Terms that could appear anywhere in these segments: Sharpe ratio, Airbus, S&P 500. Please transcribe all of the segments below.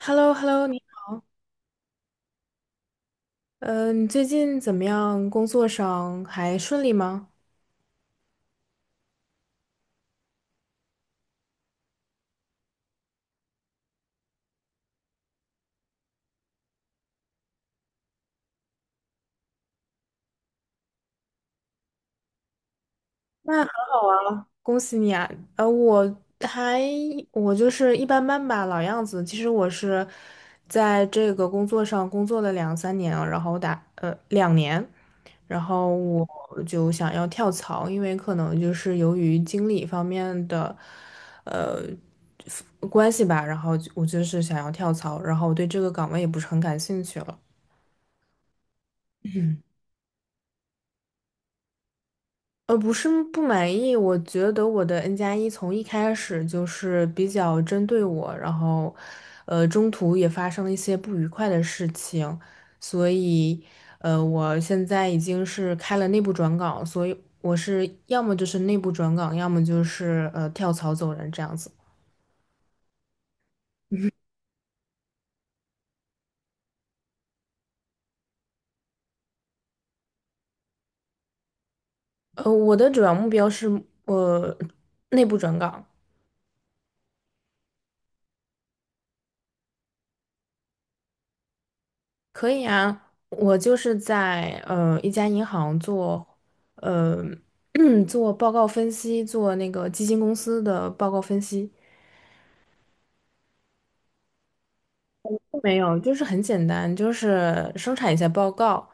h e l l o h e l l o 你最近怎么样？工作上还顺利吗？那很好啊，恭喜你啊！呃，我还我就是一般般吧，老样子。其实我是在这个工作上工作了两三年啊，然后打2年，然后我就想要跳槽，因为可能就是由于经理方面的呃关系吧，然后我就是想要跳槽，然后我对这个岗位也不是很感兴趣了。嗯。不是不满意，我觉得我的 N+1从一开始就是比较针对我，然后，中途也发生了一些不愉快的事情，所以，我现在已经是开了内部转岗，所以我是要么就是内部转岗，要么就是跳槽走人这样子。我的主要目标是呃内部转岗。可以啊，我就是在一家银行做，呃 做报告分析，做那个基金公司的报告分析。没有，就是很简单，就是生产一下报告，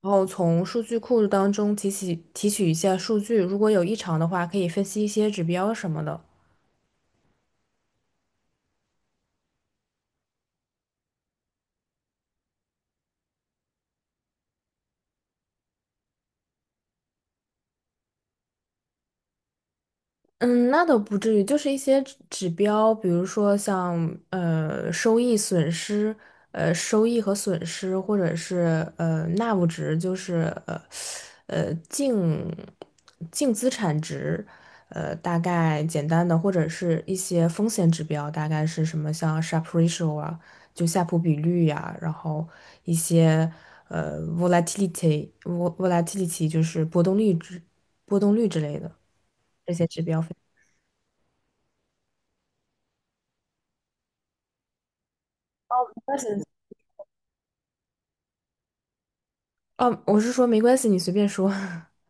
然后从数据库当中提取一下数据，如果有异常的话，可以分析一些指标什么的。嗯，那倒不至于，就是一些指标，比如说像收益、损失，收益和损失，或者是纳物值，就是呃呃净净资产值，大概简单的，或者是一些风险指标，大概是什么像 Sharpe ratio 啊，就夏普比率呀、然后一些volatility volatility 就是波动率之类的这些指标。关系，嗯，我是说没关系，你随便说。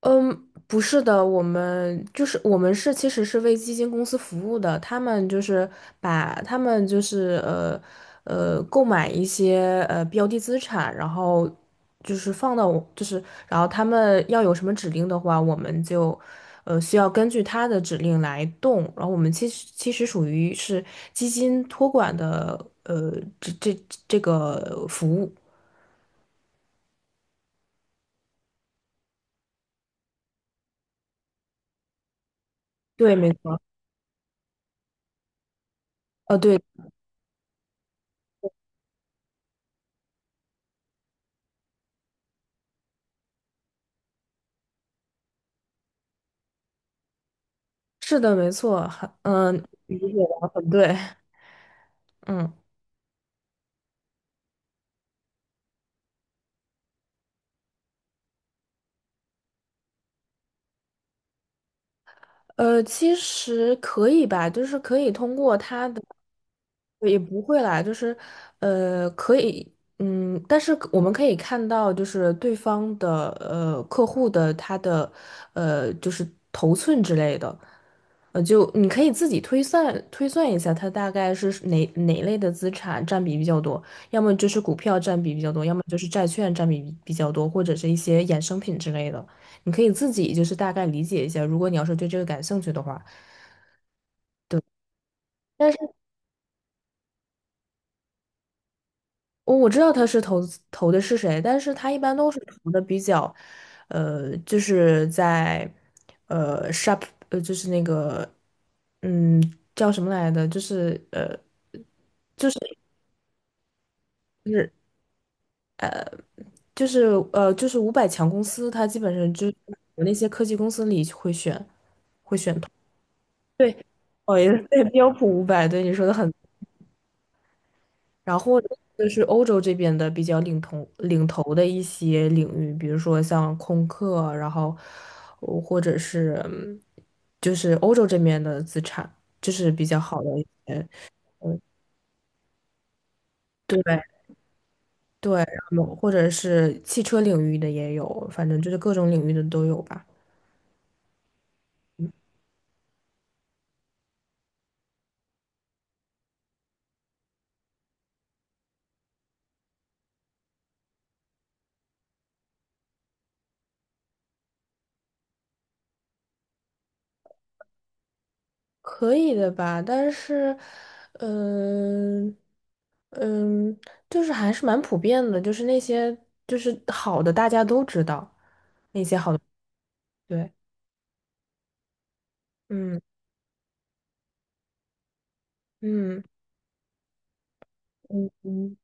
嗯，不是的，我们是其实是为基金公司服务的，他们就是把他们就是购买一些标的资产，然后就是放到我就是然后他们要有什么指令的话，我们就需要根据他的指令来动，然后我们其实属于是基金托管的呃这个服务。对，没错。哦，对，是的，没错。理解的很对。嗯，其实可以吧，就是可以通过它的，也不会啦，就是，可以。嗯，但是我们可以看到，就是对方的，客户的他的，就是头寸之类的，就你可以自己推算推算一下，它大概是哪类的资产占比比较多，要么就是股票占比比较多，要么就是债券占比比较多，或者是一些衍生品之类的。你可以自己就是大概理解一下，如果你要是对这个感兴趣的话。但是我知道他是投的是谁，但是他一般都是投的比较，就是在sharp 就是那个嗯叫什么来的，就是就是就是就是五百强公司，他基本上就是那些科技公司里会选。对，哦，也对，标普500，对你说的很。然后就是欧洲这边的比较领头的一些领域，比如说像空客，然后或者是就是欧洲这边的资产，就是比较好的一些。嗯，对，对，然后或者是汽车领域的也有，反正就是各种领域的都有吧。可以的吧，但是，嗯、嗯，就是还是蛮普遍的，就是那些就是好的大家都知道。对，嗯嗯。嗯嗯，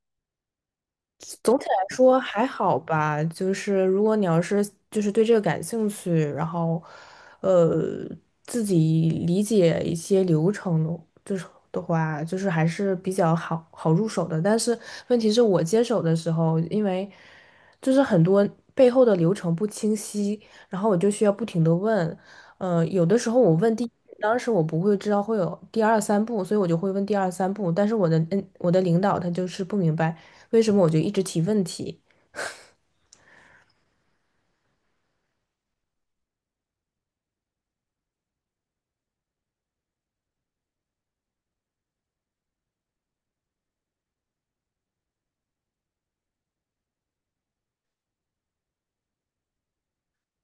总体来说还好吧。就是如果你要是就是对这个感兴趣，然后呃自己理解一些流程的，就是的话，就是还是比较好好入手的。但是问题是我接手的时候，因为就是很多背后的流程不清晰，然后我就需要不停的问。有的时候我问第一当时我不会知道会有第二三步，所以我就会问第二三步。但是我的领导他就是不明白，为什么我就一直提问题？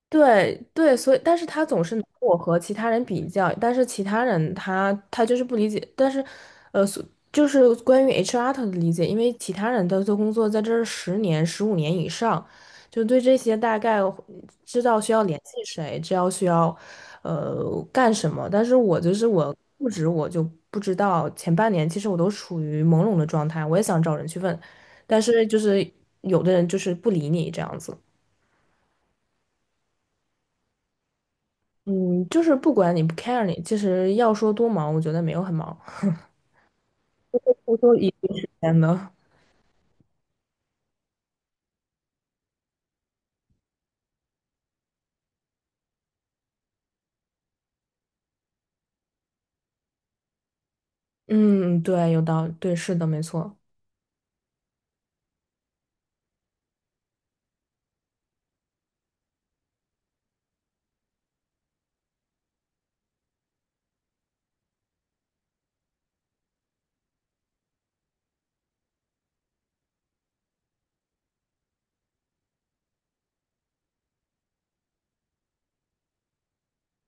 对，对，所以但是他总是拿我和其他人比较，但是其他人他就是不理解。但是，呃，所就是关于 HR 他的理解，因为其他人的做工作在这儿10年、15年以上，就对这些大概知道需要联系谁，知道需要干什么，但是我就是我入职我就不知道，前半年其实我都处于朦胧的状态，我也想找人去问，但是就是有的人就是不理你这样子。嗯，就是不管你不 care 你，其实要说多忙，我觉得没有很忙，我说一定时间的。嗯，对，有道理，对，是的，没错。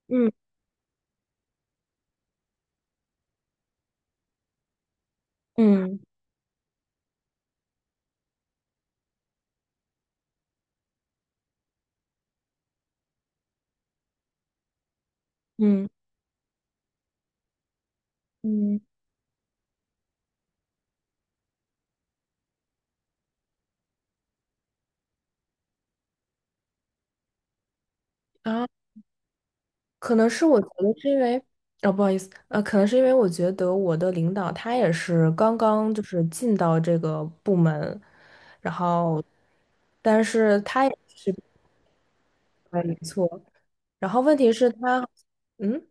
嗯嗯嗯嗯啊，可能是我觉得是因为，哦，不好意思，可能是因为我觉得我的领导他也是刚刚就是进到这个部门，然后，但是他也。对，没错。然后问题是他，嗯。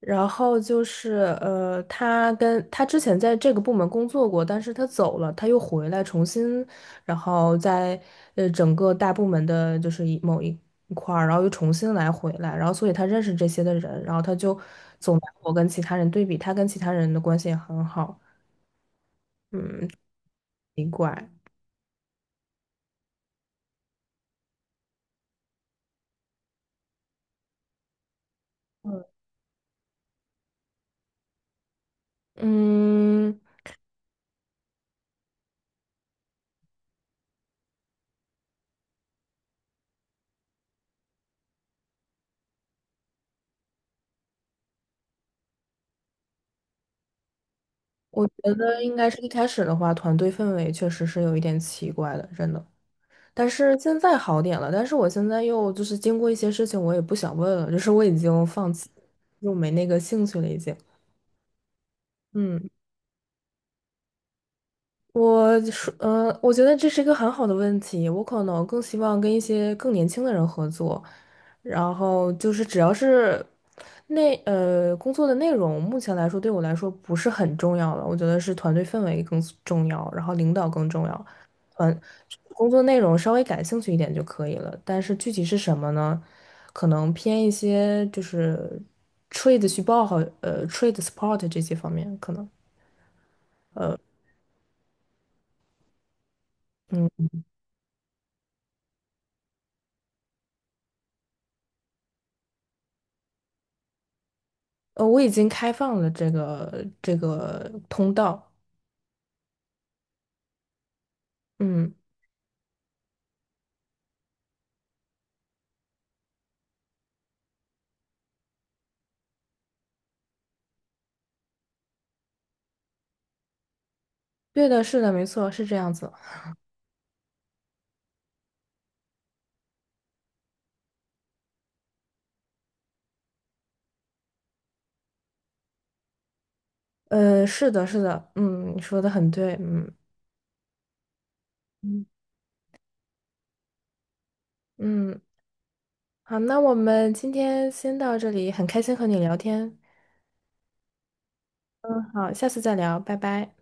然后就是他之前在这个部门工作过，但是他走了，他又回来重新，然后在整个大部门的就是某一块儿，然后又重新回来，然后所以他认识这些的人，然后他就总拿我跟其他人对比，他跟其他人的关系也很好。嗯，奇怪。嗯，我觉得应该是一开始的话，团队氛围确实是有一点奇怪的，真的。但是现在好点了，但是我现在又就是经过一些事情，我也不想问了，就是我已经放弃，又没那个兴趣了，已经。嗯。我说，我觉得这是一个很好的问题。我可能更希望跟一些更年轻的人合作，然后就是只要是工作的内容，目前来说对我来说不是很重要了。我觉得是团队氛围更重要，然后领导更重要。团工作内容稍微感兴趣一点就可以了，但是具体是什么呢？可能偏一些就是 trade 去报好，trade support 这些方面可能。我已经开放了这个通道。嗯，对的，是的，没错，是这样子。是的，是的，嗯，你说的很对。嗯嗯嗯，好，那我们今天先到这里，很开心和你聊天。嗯，好，下次再聊，拜拜。